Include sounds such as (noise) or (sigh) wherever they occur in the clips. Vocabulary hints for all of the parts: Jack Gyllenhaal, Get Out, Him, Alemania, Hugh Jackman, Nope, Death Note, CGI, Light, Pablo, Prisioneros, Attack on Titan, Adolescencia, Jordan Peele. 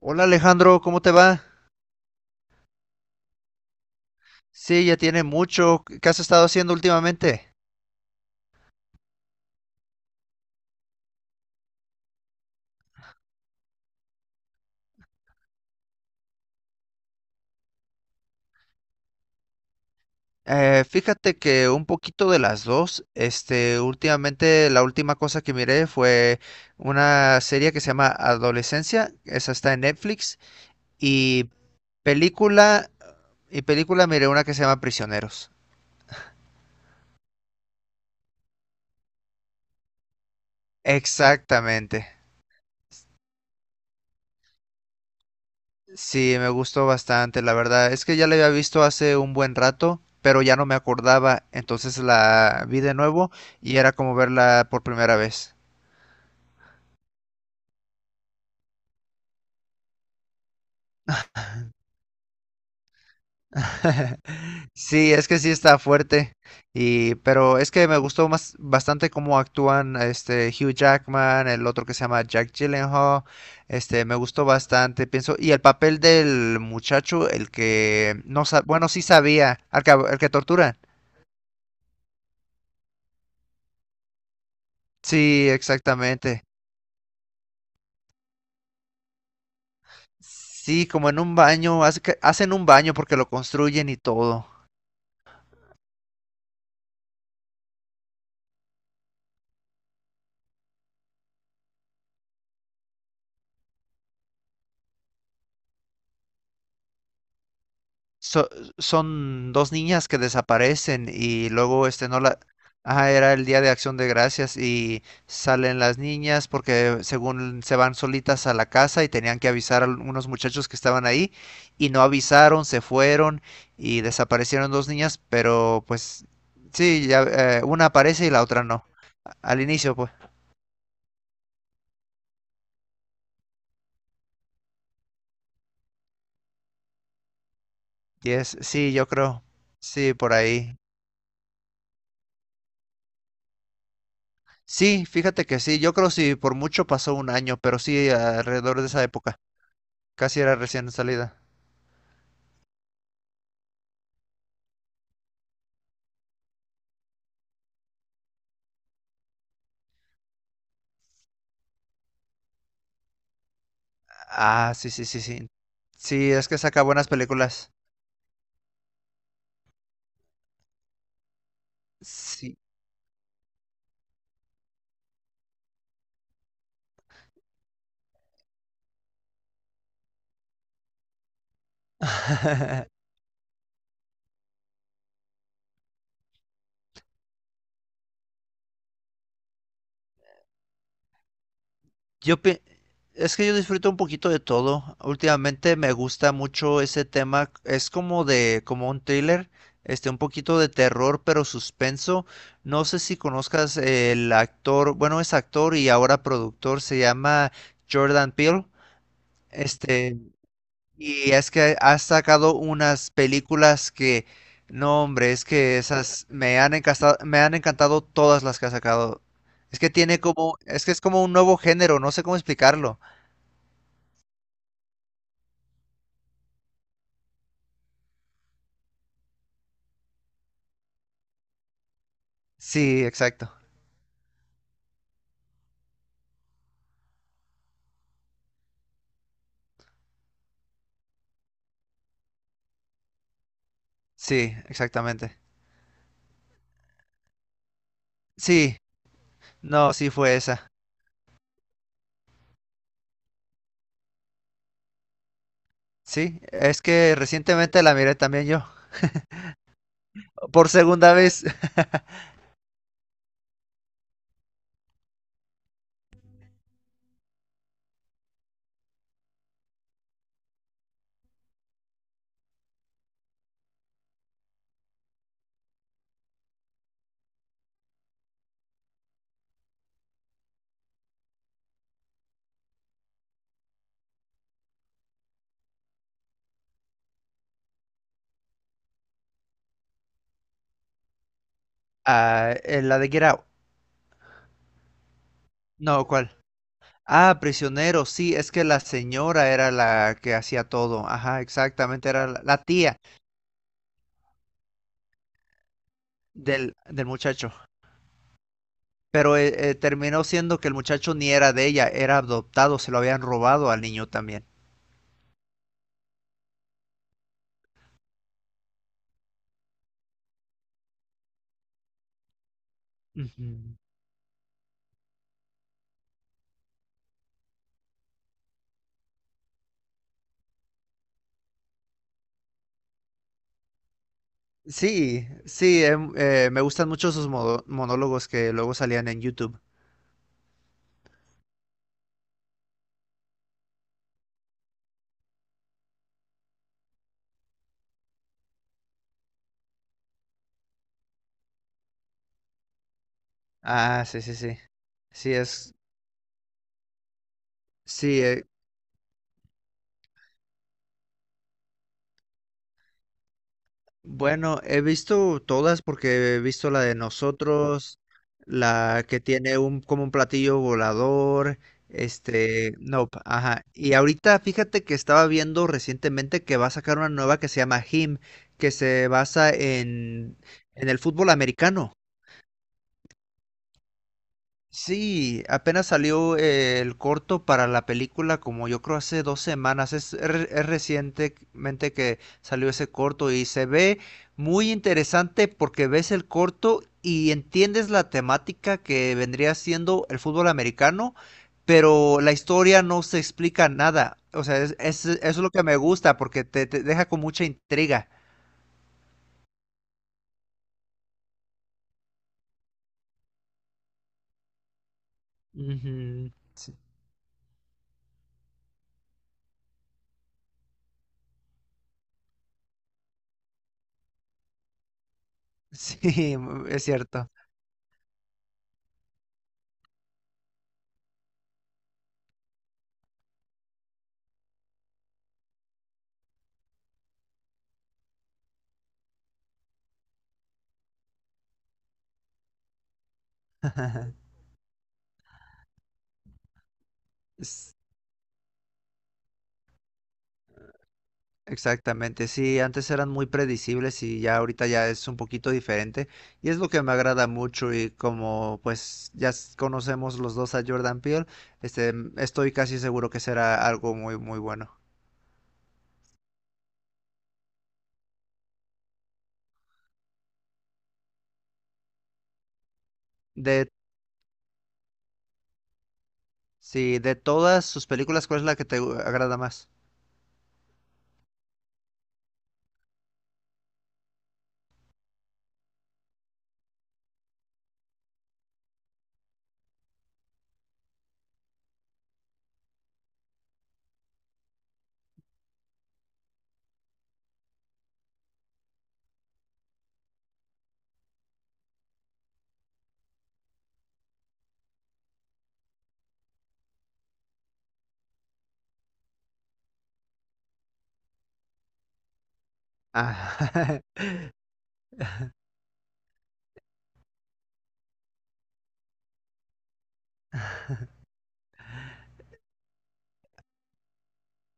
Hola Alejandro, ¿cómo te va? Sí, ya tiene mucho. ¿Qué has estado haciendo últimamente? Fíjate que un poquito de las dos. Últimamente la última cosa que miré fue una serie que se llama Adolescencia. Esa está en Netflix. Y película, y película miré una que se llama Prisioneros. Exactamente. Sí, me gustó bastante, la verdad. Es que ya la había visto hace un buen rato, pero ya no me acordaba. Entonces la vi de nuevo y era como verla por primera vez. (laughs) Sí, es que sí está fuerte. Pero es que me gustó más bastante cómo actúan este Hugh Jackman, el otro que se llama Jack Gyllenhaal. Me gustó bastante, pienso. Y el papel del muchacho, el que no sabe, bueno, sí sabía, al que torturan. Sí, exactamente. Sí, como en un baño, hacen un baño porque lo construyen y todo. So- Son dos niñas que desaparecen y luego este no la... Ah, era el Día de Acción de Gracias y salen las niñas porque según se van solitas a la casa y tenían que avisar a unos muchachos que estaban ahí y no avisaron, se fueron y desaparecieron dos niñas, pero pues sí, ya, una aparece y la otra no. Al inicio, pues. Yes, sí, yo creo. Sí, por ahí. Sí, fíjate que sí, yo creo sí, por mucho pasó un año, pero sí, alrededor de esa época, casi era recién salida. Ah, sí, sí, sí, sí. Sí, es que saca buenas películas. Sí. (laughs) Yo pi- es que yo disfruto un poquito de todo. Últimamente me gusta mucho ese tema. Es como de, como un thriller, un poquito de terror, pero suspenso. No sé si conozcas el actor, bueno, es actor y ahora productor, se llama Jordan Peele. Este, Y es que has sacado unas películas que, no hombre, es que esas me han encantado todas las que has sacado. Es que tiene como, es que es como un nuevo género, no sé cómo explicarlo. Sí, exacto. Sí, exactamente. Sí, no, sí fue esa. Sí, es que recientemente la miré también yo. Por segunda vez. (laughs) Ah, la de Get Out. No, ¿cuál? Ah, prisionero, sí, es que la señora era la que hacía todo. Ajá, exactamente, era la tía del muchacho. Pero terminó siendo que el muchacho ni era de ella, era adoptado, se lo habían robado al niño también. Ujú. Sí, sí, me gustan mucho sus monólogos que luego salían en YouTube. Ah, sí, sí, sí. Sí, sí, eh, bueno, he visto todas porque he visto la de nosotros, la que tiene un como un platillo volador, nope, ajá. Y ahorita fíjate que estaba viendo recientemente que va a sacar una nueva que se llama Him, que se basa en el fútbol americano. Sí, apenas salió el corto para la película como yo creo hace 2 semanas. Es recientemente que salió ese corto y se ve muy interesante porque ves el corto y entiendes la temática que vendría siendo el fútbol americano, pero la historia no se explica nada. O sea, eso es lo que me gusta porque te deja con mucha intriga. Ujú, sí. (laughs) Sí, es cierto. (laughs) Exactamente, sí, antes eran muy predecibles y ya ahorita ya es un poquito diferente y es lo que me agrada mucho y como pues ya conocemos los dos a Jordan Peele, estoy casi seguro que será algo muy muy bueno. De, sí, de todas sus películas, ¿cuál es la que te agrada más? Ah, (laughs)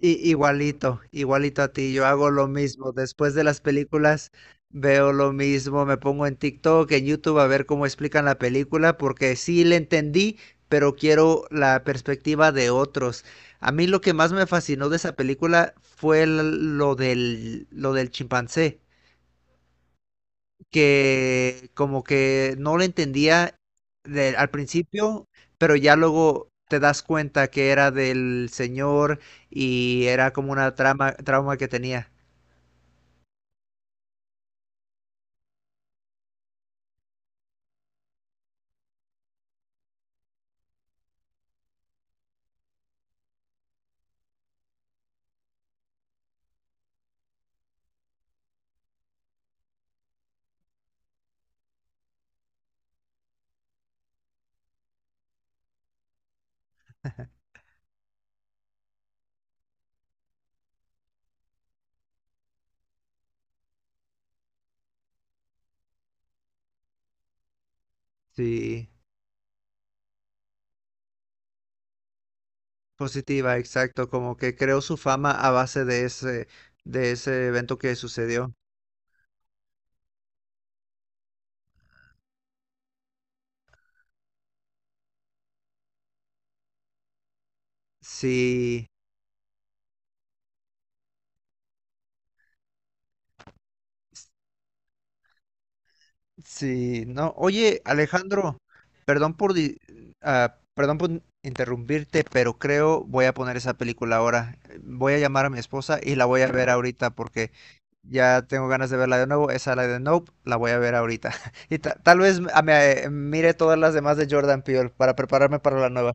Igualito, igualito a ti, yo hago lo mismo. Después de las películas veo lo mismo, me pongo en TikTok, en YouTube a ver cómo explican la película, porque sí le entendí, pero quiero la perspectiva de otros. A mí lo que más me fascinó de esa película fue lo del chimpancé que como que no lo entendía al principio, pero ya luego te das cuenta que era del señor y era como una trauma que tenía. Sí, positiva, exacto, como que creó su fama a base de ese evento que sucedió. Sí. Sí, no. Oye, Alejandro, perdón por di- perdón por interrumpirte, pero creo voy a poner esa película ahora. Voy a llamar a mi esposa y la voy a ver ahorita porque ya tengo ganas de verla de nuevo. Esa la de Nope, la voy a ver ahorita. (laughs) Y tal vez me mire todas las demás de Jordan Peele para prepararme para la nueva.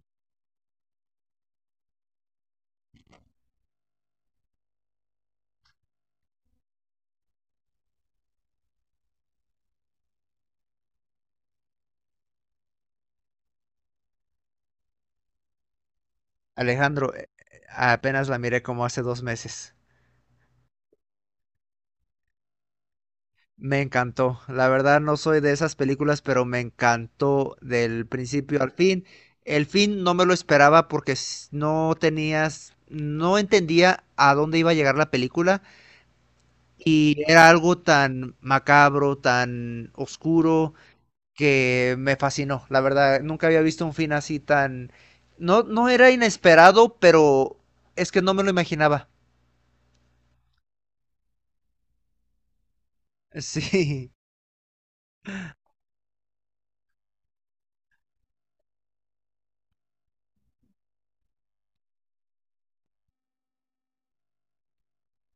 Alejandro, apenas la miré como hace 2 meses. Me encantó. La verdad no soy de esas películas, pero me encantó del principio al fin. El fin no me lo esperaba porque no tenías, no entendía a dónde iba a llegar la película y era algo tan macabro, tan oscuro que me fascinó. La verdad, nunca había visto un fin así tan... No, no era inesperado, pero es que no me lo imaginaba. (laughs) Sí.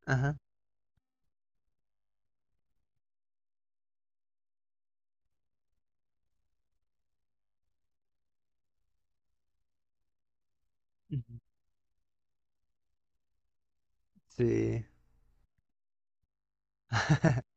Ajá. Ujú. Sí. (laughs)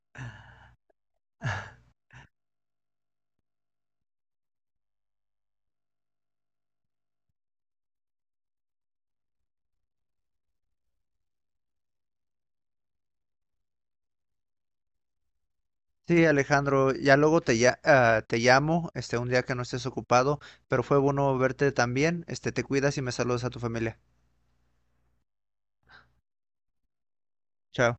Sí, Alejandro, ya luego te llamo, un día que no estés ocupado, pero fue bueno verte también. Te cuidas y me saludas a tu familia. Chao.